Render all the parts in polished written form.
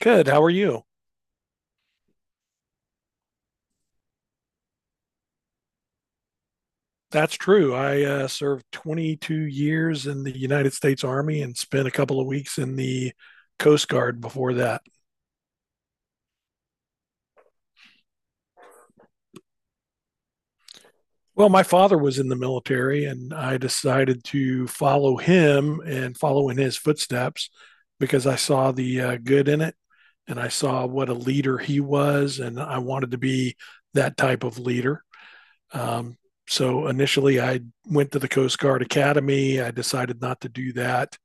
Good. How are you? That's true. I served 22 years in the United States Army and spent a couple of weeks in the Coast Guard before that. Well, my father was in the military, and I decided to follow him and follow in his footsteps because I saw the good in it and I saw what a leader he was, and I wanted to be that type of leader. Um, so initially, I went to the Coast Guard Academy. I decided not to do that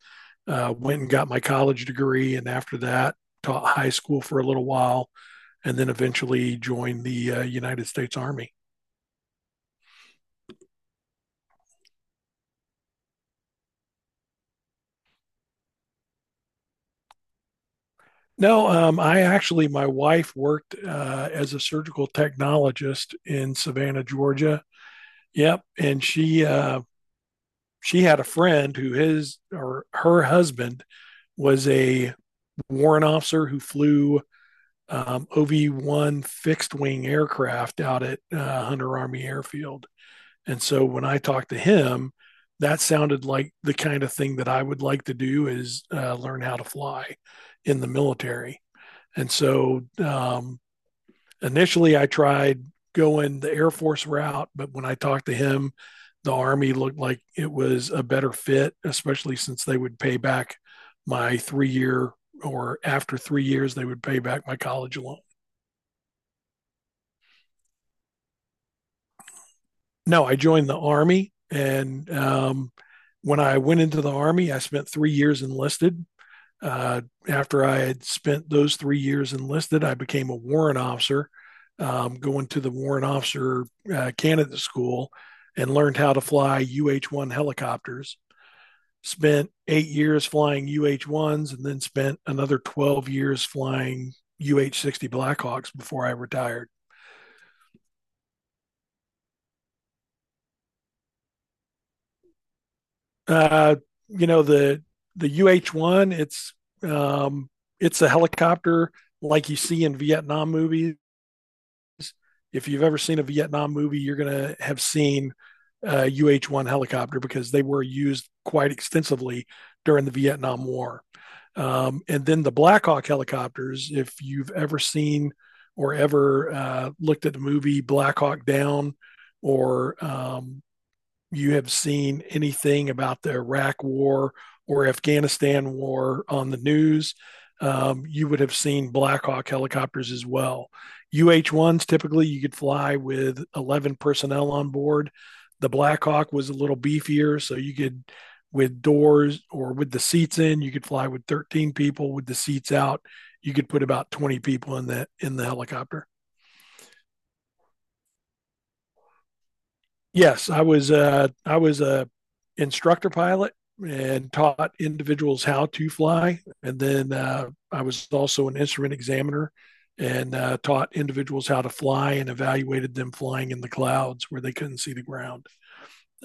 uh, Went and got my college degree, and after that, taught high school for a little while, and then eventually joined the United States Army. No, I actually, my wife worked as a surgical technologist in Savannah, Georgia. Yep, and she had a friend who his or her husband was a warrant officer who flew OV 1 fixed wing aircraft out at Hunter Army Airfield. And so when I talked to him, that sounded like the kind of thing that I would like to do is learn how to fly in the military. And initially I tried going the Air Force route, but when I talked to him, the Army looked like it was a better fit, especially since they would pay back my three year or after 3 years, they would pay back my college loan. No, I joined the army, and when I went into the army, I spent 3 years enlisted. Uh, After I had spent those 3 years enlisted, I became a warrant officer, going to the warrant officer candidate school, and learned how to fly UH-1 helicopters. Spent 8 years flying UH-1s, and then spent another 12 years flying UH-60 Blackhawks before I retired. Uh, you know the UH-1. Um, it's a helicopter like you see in Vietnam movies. If you've ever seen a Vietnam movie, you're gonna have seen a UH-1 helicopter because they were used quite extensively during the Vietnam War. And then the Black Hawk helicopters. If you've ever seen or ever looked at the movie Black Hawk Down or you have seen anything about the Iraq war or Afghanistan war on the news, you would have seen Black Hawk helicopters as well. UH 1s, typically, you could fly with 11 personnel on board. The Black Hawk was a little beefier, so you could, with doors or with the seats in, you could fly with 13 people. With the seats out, you could put about 20 people in the helicopter. Yes, I was a instructor pilot and taught individuals how to fly, and then I was also an instrument examiner and taught individuals how to fly and evaluated them flying in the clouds where they couldn't see the ground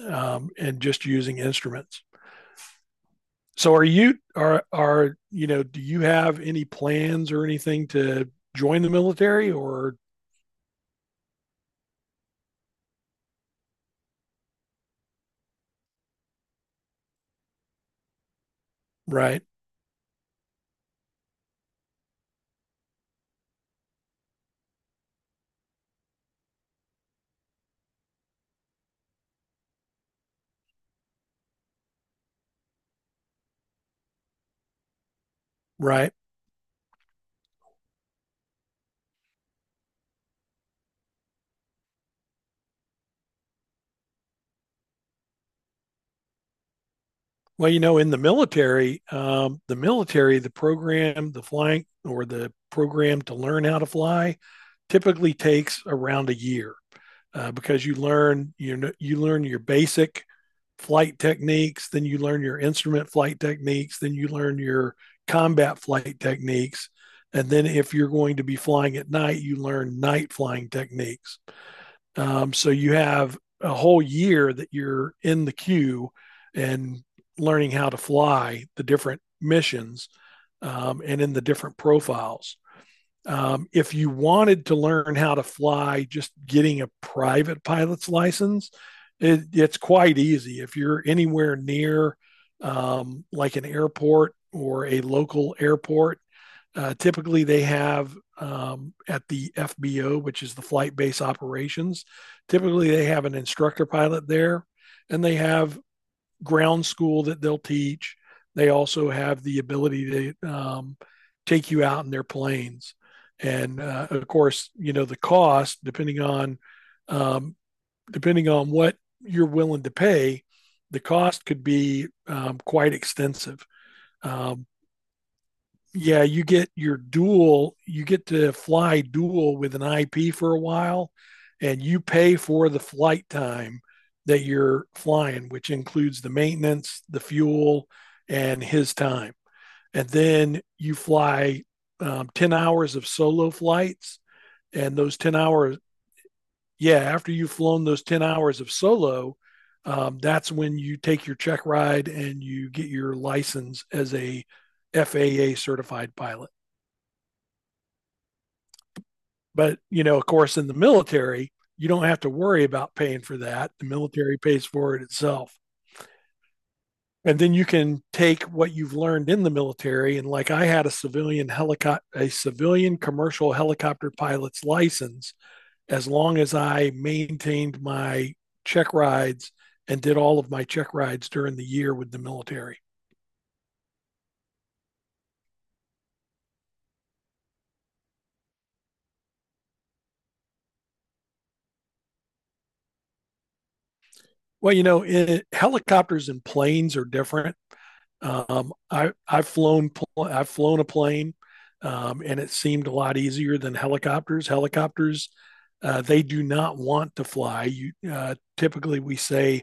and just using instruments. So, are you know? Do you have any plans or anything to join the military or right? Right. Well, you know, in the military, the program, the flying or the program to learn how to fly typically takes around a year because you learn your basic flight techniques, then you learn your instrument flight techniques, then you learn your combat flight techniques, and then if you're going to be flying at night, you learn night flying techniques. So you have a whole year that you're in the queue and learning how to fly the different missions and in the different profiles. If you wanted to learn how to fly, just getting a private pilot's license, it's quite easy. If you're anywhere near like an airport or a local airport, typically, they have at the FBO, which is the flight base operations, typically they have an instructor pilot there and they have ground school that they'll teach. They also have the ability to take you out in their planes. And of course, you know, the cost, depending on, um, depending on what you're willing to pay, the cost could be quite extensive. Um, yeah, you get your dual, you get to fly dual with an IP for a while, and you pay for the flight time that you're flying, which includes the maintenance, the fuel, and his time. And then you fly 10 hours of solo flights. And those 10 hours, yeah, after you've flown those 10 hours of solo, that's when you take your check ride and you get your license as a FAA certified pilot. But, you know, of course, in the military, you don't have to worry about paying for that. The military pays for it itself. And then you can take what you've learned in the military. And like I had a civilian helicopter, a civilian commercial helicopter pilot's license, as long as I maintained my check rides and did all of my check rides during the year with the military. Well, you know, it, helicopters and planes are different. Um, I I've flown I've flown a plane, and it seemed a lot easier than helicopters. Helicopters, they do not want to fly. You Typically we say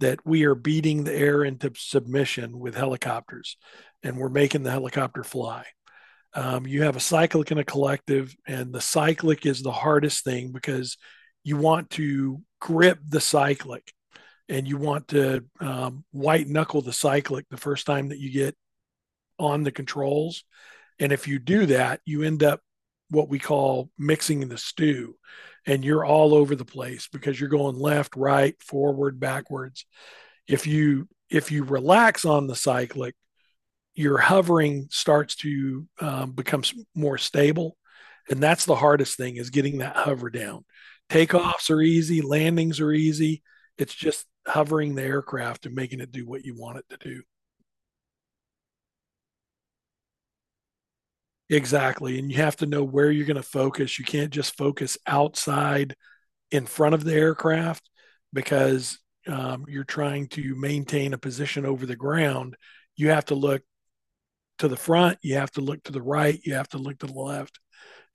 that we are beating the air into submission with helicopters, and we're making the helicopter fly. You have a cyclic and a collective, and the cyclic is the hardest thing because you want to grip the cyclic and you want to white knuckle the cyclic the first time that you get on the controls. And if you do that, you end up what we call mixing the stew and you're all over the place because you're going left, right, forward, backwards. If you relax on the cyclic, your hovering starts to become more stable, and that's the hardest thing is getting that hover down. Takeoffs are easy, landings are easy. It's just hovering the aircraft and making it do what you want it to do. Exactly. And you have to know where you're going to focus. You can't just focus outside in front of the aircraft because you're trying to maintain a position over the ground. You have to look to the front, you have to look to the right, you have to look to the left,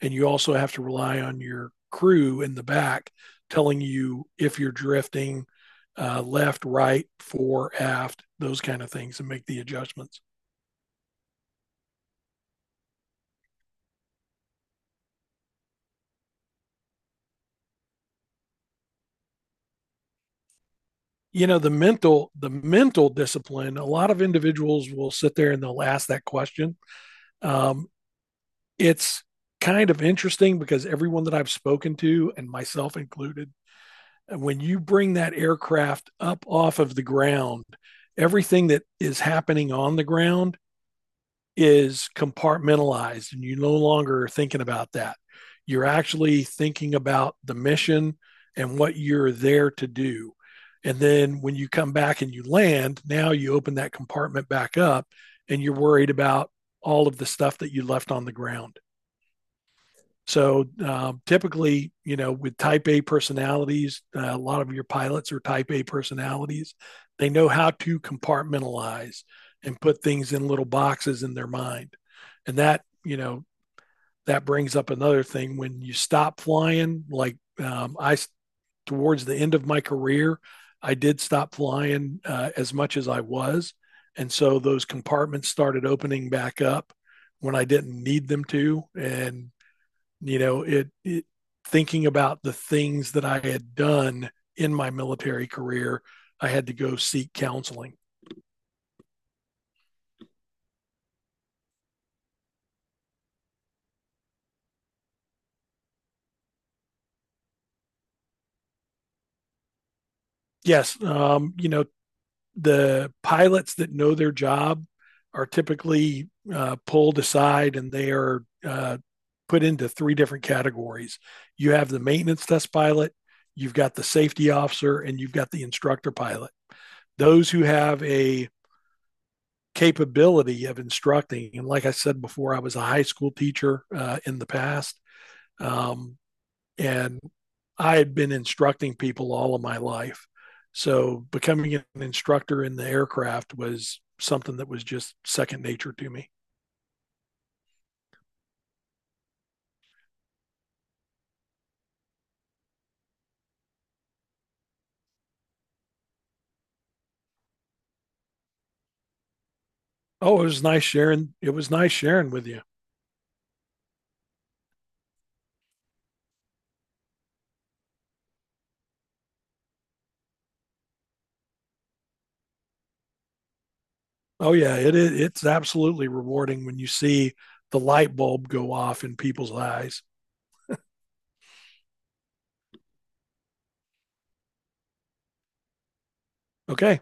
and you also have to rely on your crew in the back telling you if you're drifting left, right, fore, aft, those kind of things, and make the adjustments. You know the mental discipline, a lot of individuals will sit there and they'll ask that question um, it's kind of interesting because everyone that I've spoken to and myself included, when you bring that aircraft up off of the ground, everything that is happening on the ground is compartmentalized and you no longer are thinking about that. You're actually thinking about the mission and what you're there to do. And then when you come back and you land, now you open that compartment back up and you're worried about all of the stuff that you left on the ground. So typically, you know, with type A personalities, a lot of your pilots are type A personalities. They know how to compartmentalize and put things in little boxes in their mind. And that, you know, that brings up another thing when you stop flying, like towards the end of my career, I did stop flying as much as I was. And so those compartments started opening back up when I didn't need them to. And you know it, it thinking about the things that I had done in my military career, I had to go seek counseling. Yes, you know, the pilots that know their job are typically pulled aside and they are put into three different categories. You have the maintenance test pilot, you've got the safety officer, and you've got the instructor pilot. Those who have a capability of instructing, and like I said before, I was a high school teacher in the past. Um, and I had been instructing people all of my life. So becoming an instructor in the aircraft was something that was just second nature to me. Oh, it was nice sharing. It was nice sharing with you. Oh yeah, it is. It's absolutely rewarding when you see the light bulb go off in people's eyes. Okay,